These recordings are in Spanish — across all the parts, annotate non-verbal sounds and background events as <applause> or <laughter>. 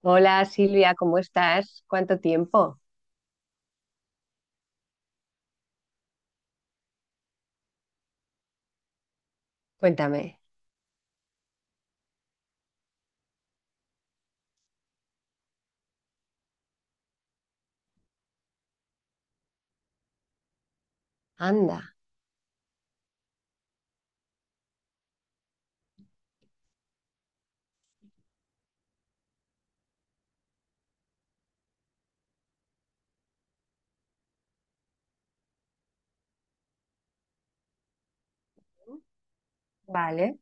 Hola Silvia, ¿cómo estás? ¿Cuánto tiempo? Cuéntame. Anda. Vale,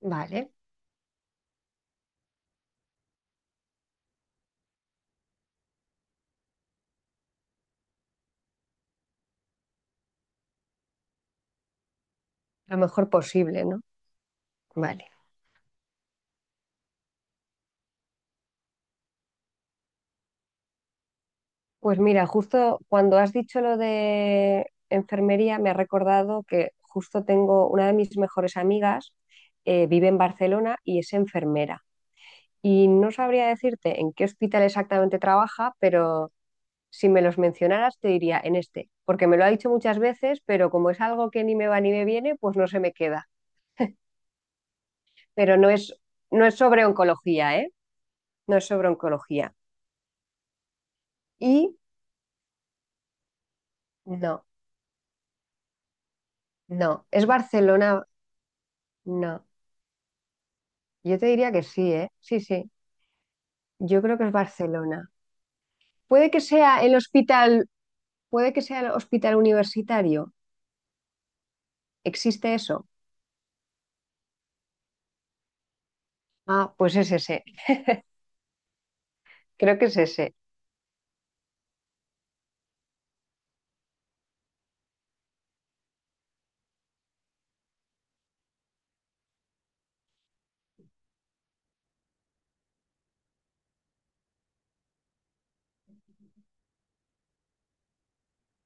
vale. Lo mejor posible, ¿no? Vale. Pues mira, justo cuando has dicho lo de enfermería, me ha recordado que justo tengo una de mis mejores amigas, vive en Barcelona y es enfermera. Y no sabría decirte en qué hospital exactamente trabaja, pero si me los mencionaras te diría en este, porque me lo ha dicho muchas veces, pero como es algo que ni me va ni me viene, pues no se me queda. Pero no es sobre oncología, ¿eh? No es sobre oncología. Y no, no, es Barcelona, no. Yo te diría que sí, ¿eh? Sí, sí, yo creo que es Barcelona. Puede que sea el hospital, puede que sea el hospital universitario. ¿Existe eso? Ah, pues es ese. Creo que es ese.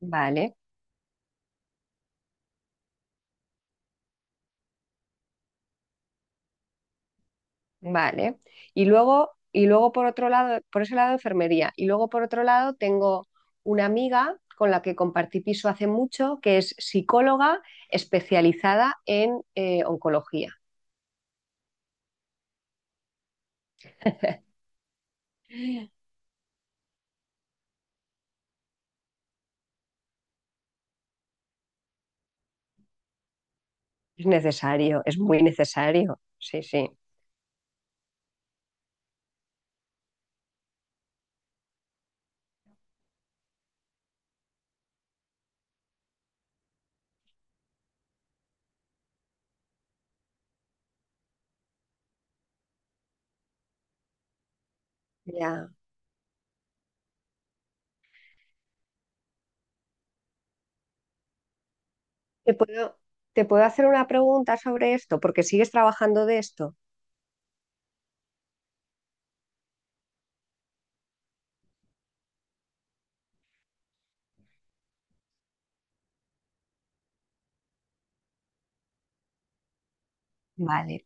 Vale. Vale. Y luego por otro lado, por ese lado enfermería. Y luego por otro lado tengo una amiga con la que compartí piso hace mucho, que es psicóloga especializada en oncología. Es necesario, es muy necesario. Sí, sí. Ya. ¿Te puedo, te puedo hacer una pregunta sobre esto? Porque sigues trabajando de esto. Vale.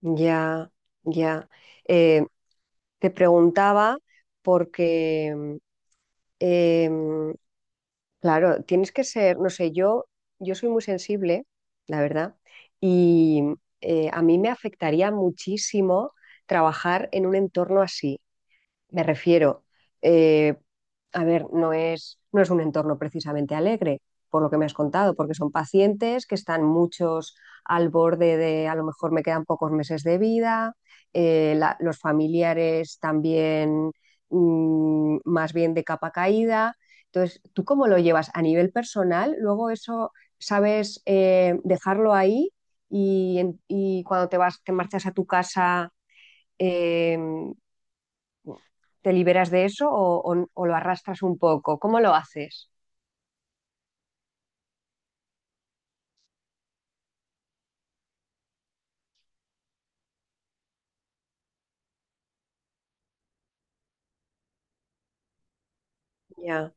Ya, ya. Eh, te preguntaba porque em, claro, tienes que ser, no sé, yo soy muy sensible, la verdad, y a mí me afectaría muchísimo trabajar en un entorno así. Me refiero, eh, a ver, no es un entorno precisamente alegre, por lo que me has contado, porque son pacientes que están muchos al borde de a lo mejor me quedan pocos meses de vida, los familiares también mm, más bien de capa caída. Entonces, ¿tú cómo lo llevas a nivel personal? Luego eso, ¿sabes, dejarlo ahí y cuando te vas, te marchas a tu casa? em, ¿Te liberas de eso o lo arrastras un poco? ¿Cómo lo haces? Ya,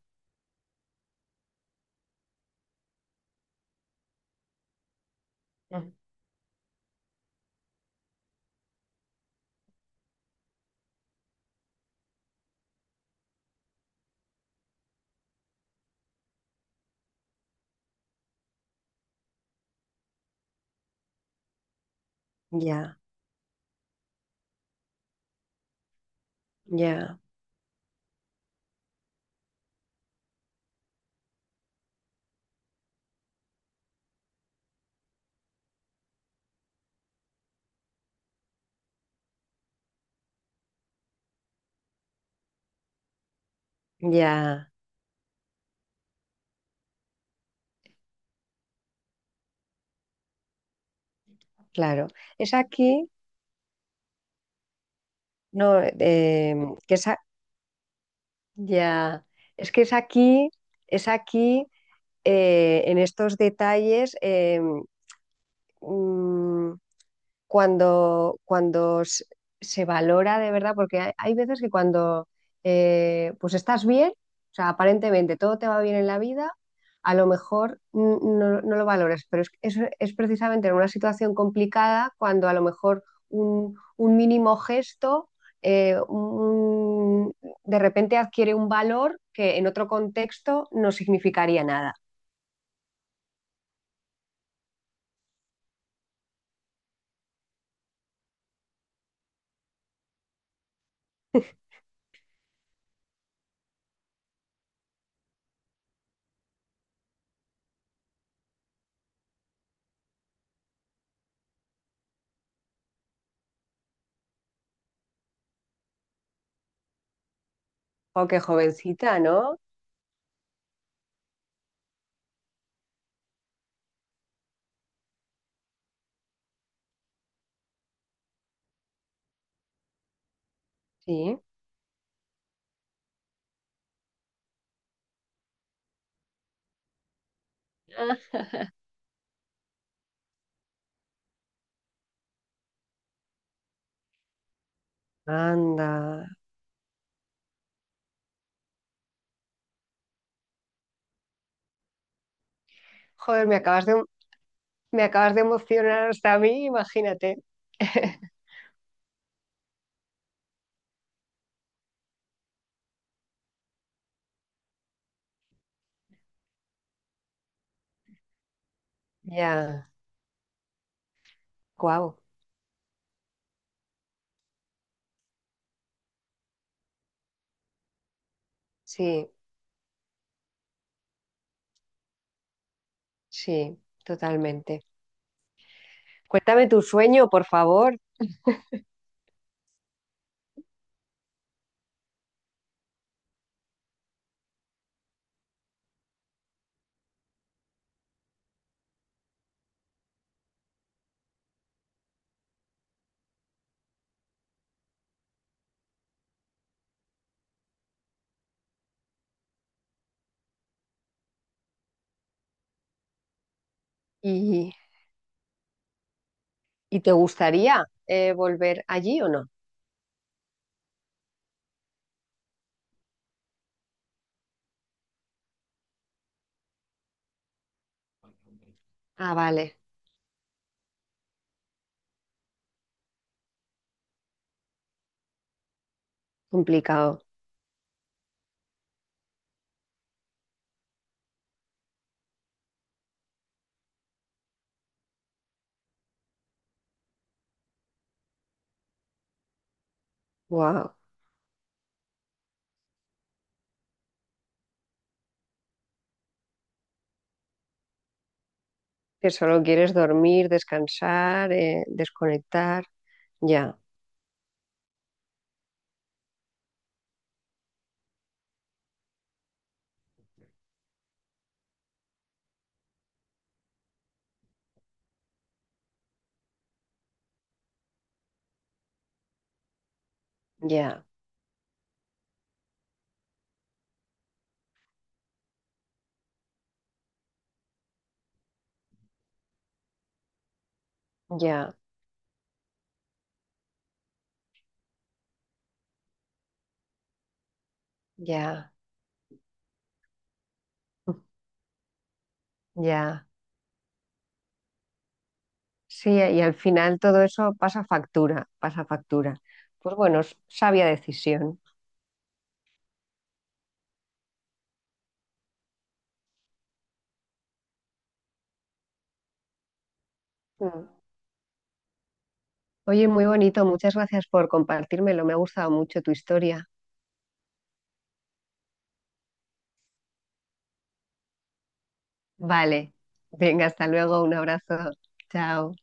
ya, ya, ya, claro. Es aquí, no, que es a- ya, es que es aquí, en estos detalles, mm, cuando, cuando se se valora de verdad, porque hay veces que cuando pues estás bien, o sea, aparentemente todo te va bien en la vida, a lo mejor no lo valores, pero es precisamente en una situación complicada cuando a lo mejor un mínimo gesto eh, un- de repente adquiere un valor que en otro contexto no significaría nada. Oh, qué jovencita, ¿no? Sí. Ah. Anda. Joder, me acabas de Me acabas de emocionar hasta a mí, imagínate. <laughs> Ya, guau. Sí, sí, totalmente. Cuéntame tu sueño, por favor. <laughs> ¿Y y te gustaría volver allí o no? Ah, vale, complicado. Wow, que solo quieres dormir, descansar, desconectar. Ya, ya, ya, ya, ya. Sí, y al final todo eso pasa factura, pasa factura. Pues bueno, es sabia decisión. Mm. Oye, muy bonito, muchas gracias por compartírmelo, me ha gustado mucho tu historia. Vale, venga, hasta luego, un abrazo, chao.